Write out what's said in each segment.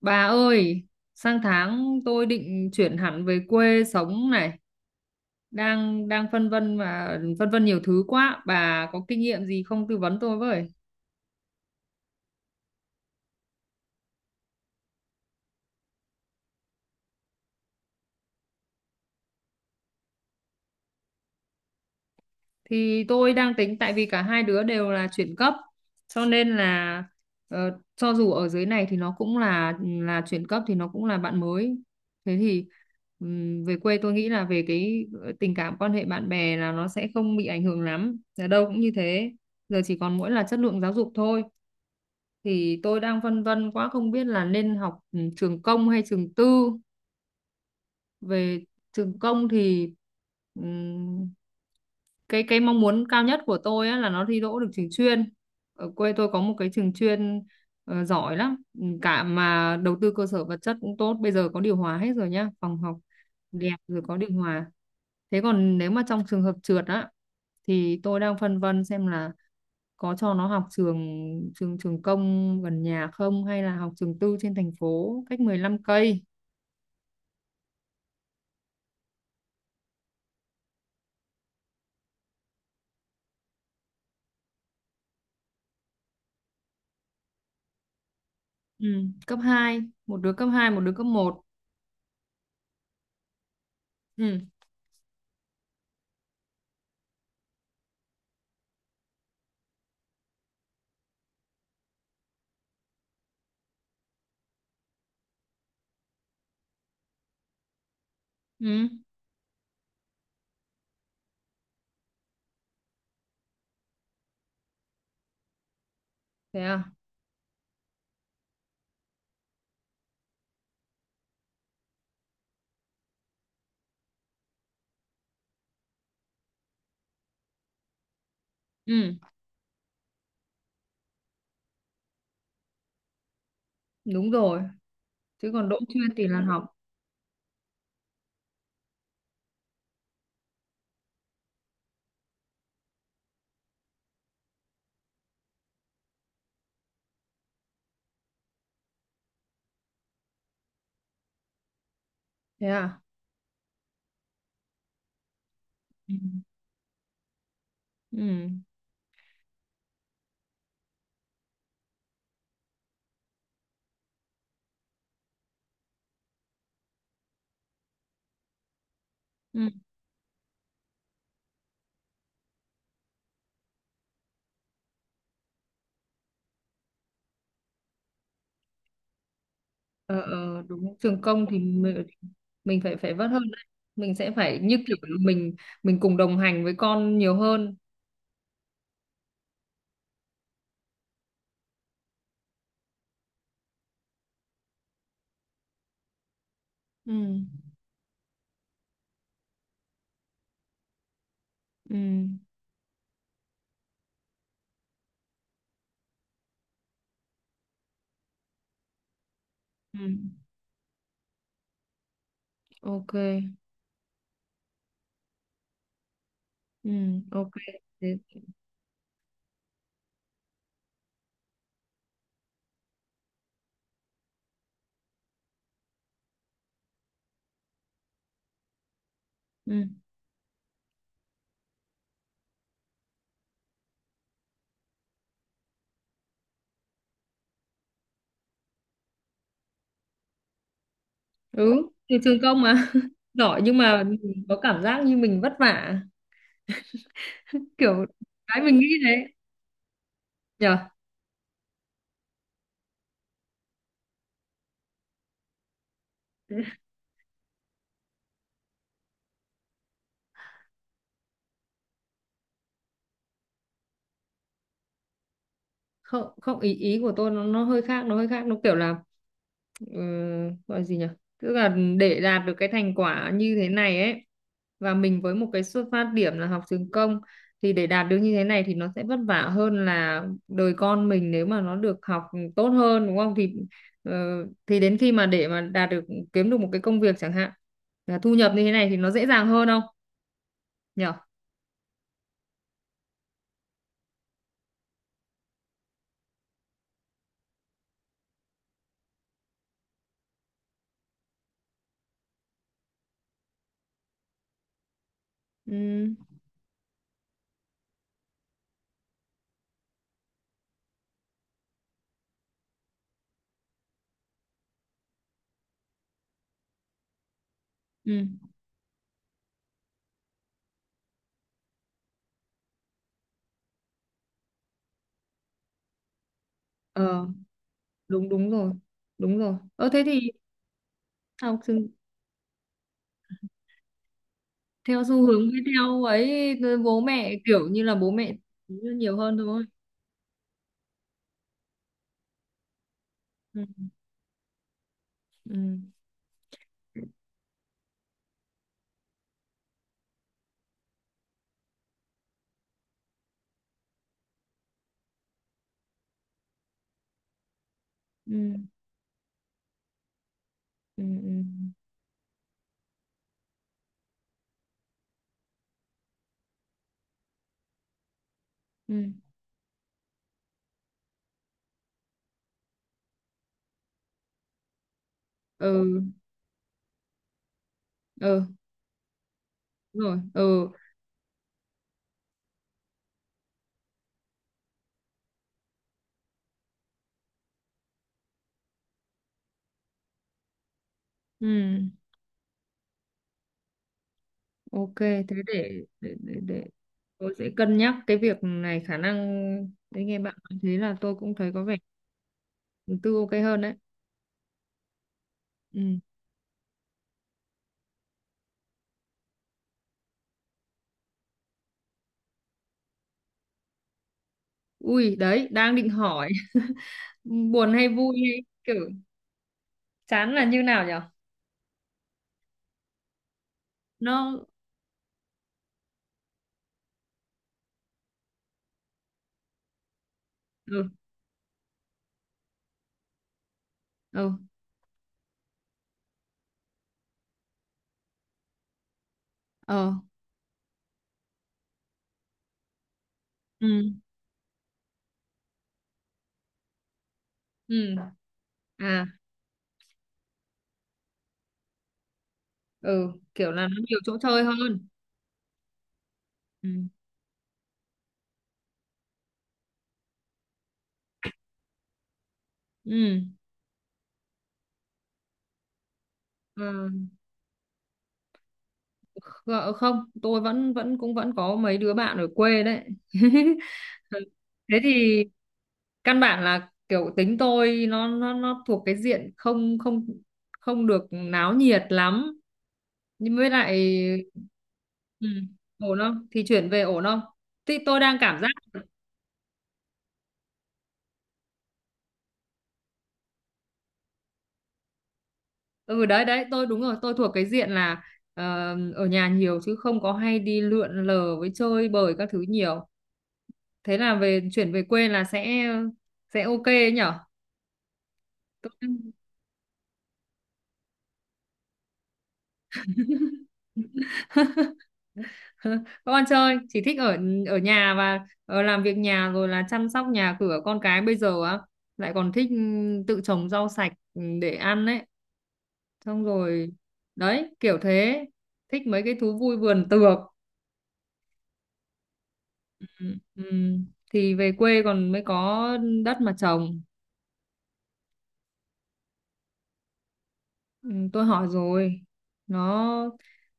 Bà ơi, sang tháng tôi định chuyển hẳn về quê sống này, đang đang phân vân mà phân vân nhiều thứ quá. Bà có kinh nghiệm gì không, tư vấn tôi với? Thì tôi đang tính, tại vì cả hai đứa đều là chuyển cấp, cho nên là cho dù ở dưới này thì nó cũng là chuyển cấp thì nó cũng là bạn mới. Thế thì về quê tôi nghĩ là về cái tình cảm, quan hệ bạn bè là nó sẽ không bị ảnh hưởng lắm. Ở đâu cũng như thế, giờ chỉ còn mỗi là chất lượng giáo dục thôi, thì tôi đang phân vân quá, không biết là nên học trường công hay trường tư. Về trường công thì ừm, cái mong muốn cao nhất của tôi á, là nó thi đỗ được trường chuyên. Ở quê tôi có một cái trường chuyên giỏi lắm. Ừ, cả mà đầu tư cơ sở vật chất cũng tốt, bây giờ có điều hòa hết rồi nhá, phòng học đẹp rồi, có điều hòa. Thế còn nếu mà trong trường hợp trượt á, thì tôi đang phân vân xem là có cho nó học trường trường trường công gần nhà không, hay là học trường tư trên thành phố cách 15 cây. Ừ. Cấp hai, một đứa cấp hai, một đứa cấp một. Ừ. Ừ. Thế à. Ừ. Đúng rồi, chứ còn đỗ chuyên thì là học. Thế à. Ừ. Ừ. Ừ. Ờ, ờ, đúng, trường công thì mình phải phải vất hơn đấy. Mình sẽ phải như kiểu là mình cùng đồng hành với con nhiều hơn. Ừ. Ừ. Ừ. Ok. Ừ. Ok. Thế- ừ. Ừ thì trường công mà giỏi, nhưng mà có cảm giác như mình vất vả, kiểu cái mình nghĩ đấy, nhở. Không, không, ý ý của tôi nó hơi khác, nó hơi khác nó kiểu là ừ, gọi gì nhở, tức là để đạt được cái thành quả như thế này ấy, và mình với một cái xuất phát điểm là học trường công, thì để đạt được như thế này thì nó sẽ vất vả hơn là đời con mình nếu mà nó được học tốt hơn, đúng không? Thì ờ, thì đến khi mà để mà đạt được, kiếm được một cái công việc chẳng hạn, là thu nhập như thế này thì nó dễ dàng hơn không, nhở. Ừ. Ừ. đúng đúng rồi, đúng rồi. Ờ Thế thì học thì theo xu hướng, với theo ấy, bố mẹ kiểu như là bố mẹ nhiều hơn thôi. Ừ. Ừ. Ừ. Ừ. Ừ. Ừ. Ừ. Ừ, đúng rồi. Ừ. Ừ. Ok. Thế để, để. Tôi sẽ cân nhắc cái việc này, khả năng đấy. Nghe bạn nói thế là tôi cũng thấy có vẻ tư ok hơn đấy. Ừ. Ui, đấy đang định hỏi. Buồn hay vui hay kiểu chán là như nào nhở? Nó. Ừ. Ừ. Ờ. Ừ. Ừ. À. Ừ, kiểu là nó nhiều chỗ chơi hơn. Ừ. Ừ. Ờ, không, tôi vẫn vẫn cũng vẫn có mấy đứa bạn ở quê đấy. Thế thì căn bản là kiểu tính tôi nó thuộc cái diện không không không được náo nhiệt lắm. Nhưng với lại ừ, ổn không thì chuyển về, ổn không thì tôi đang cảm giác. Ừ, đấy đấy, tôi đúng rồi, tôi thuộc cái diện là ờ, ở nhà nhiều, chứ không có hay đi lượn lờ với chơi bời các thứ nhiều. Thế là về, chuyển về quê là sẽ ok ấy nhở. Các con chơi chỉ thích ở ở nhà, và làm việc nhà, rồi là chăm sóc nhà cửa con cái. Bây giờ á, lại còn thích tự trồng rau sạch để ăn ấy. Xong rồi, đấy, kiểu thế, thích mấy cái thú vui vườn tược. Ừ. Ừ. Thì về quê còn mới có đất mà trồng. Ừ, tôi hỏi rồi. Nó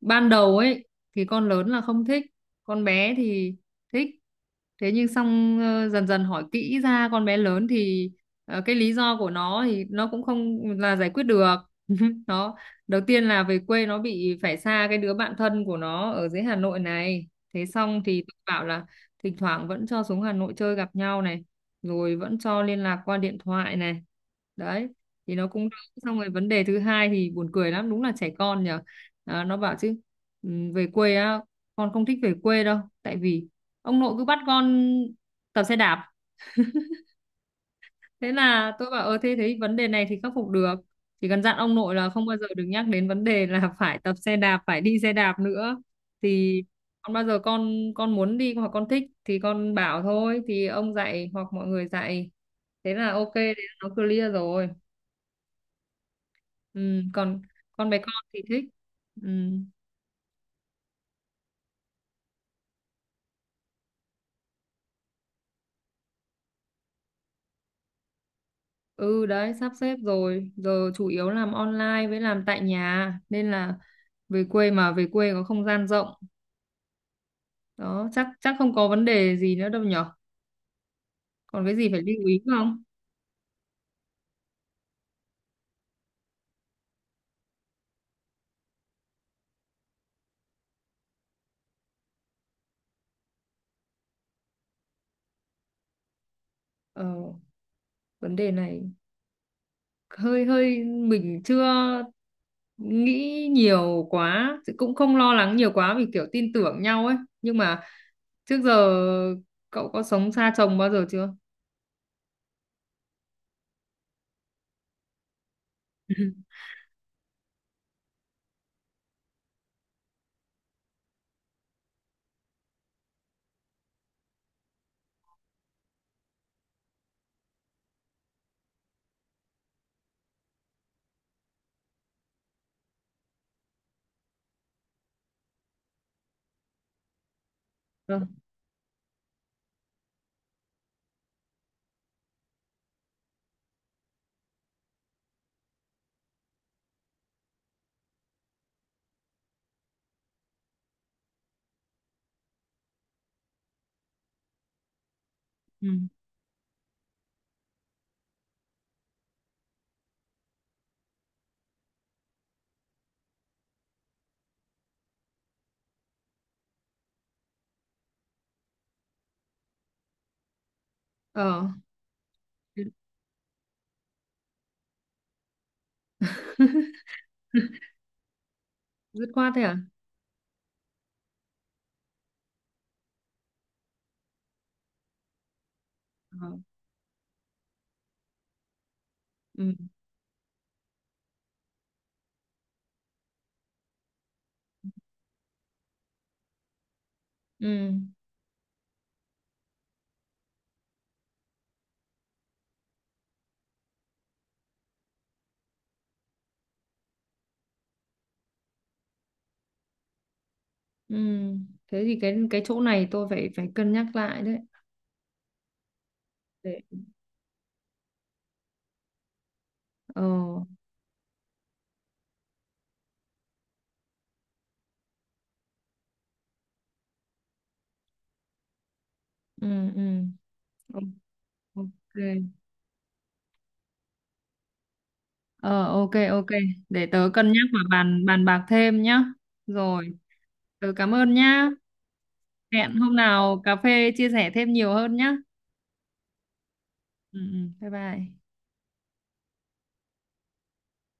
ban đầu ấy thì con lớn là không thích, con bé thì thích. Thế nhưng xong dần dần hỏi kỹ ra, con bé lớn thì cái lý do của nó thì nó cũng không là giải quyết được. Nó đầu tiên là về quê nó bị phải xa cái đứa bạn thân của nó ở dưới Hà Nội này. Thế xong thì tôi bảo là thỉnh thoảng vẫn cho xuống Hà Nội chơi gặp nhau này, rồi vẫn cho liên lạc qua điện thoại này, đấy. Thì nó cũng. Xong rồi vấn đề thứ hai thì buồn cười lắm, đúng là trẻ con nhờ. Đó, nó bảo chứ: "Ừ, về quê á, con không thích về quê đâu, tại vì ông nội cứ bắt con tập xe đạp." Thế là tôi bảo: thế thế, vấn đề này thì khắc phục được, chỉ cần dặn ông nội là không bao giờ được nhắc đến vấn đề là phải tập xe đạp, phải đi xe đạp nữa. Thì còn bao giờ con muốn đi hoặc con thích thì con bảo, thôi thì ông dạy hoặc mọi người dạy." Thế là ok, thế là nó clear rồi. Ừ, còn con bé con thì thích. Ừ. Ừ, đấy, sắp xếp rồi, giờ chủ yếu làm online với làm tại nhà nên là về quê, mà về quê có không gian rộng đó, chắc chắc không có vấn đề gì nữa đâu nhở. Còn cái gì phải lưu ý không? ờ, Vấn đề này hơi hơi, mình chưa nghĩ nhiều quá, cũng không lo lắng nhiều quá, vì kiểu tin tưởng nhau ấy. Nhưng mà trước giờ cậu có sống xa chồng bao giờ chưa? Ừ. Ừ. Ờ. Ừ. Dứt khoát thế à? Ờ. Ừ. Ừ. Ừ, thế thì cái chỗ này tôi phải phải cân nhắc lại đấy. Để. Ờ. Ừ. Ừ. Ô- ok. Ờ, ok, ok, để tớ cân nhắc và bàn bàn bạc thêm nhá. Rồi. Tớ cảm ơn nhá. Hẹn hôm nào cà phê chia sẻ thêm nhiều hơn nhá. Ừ. Ừ. Bye bye.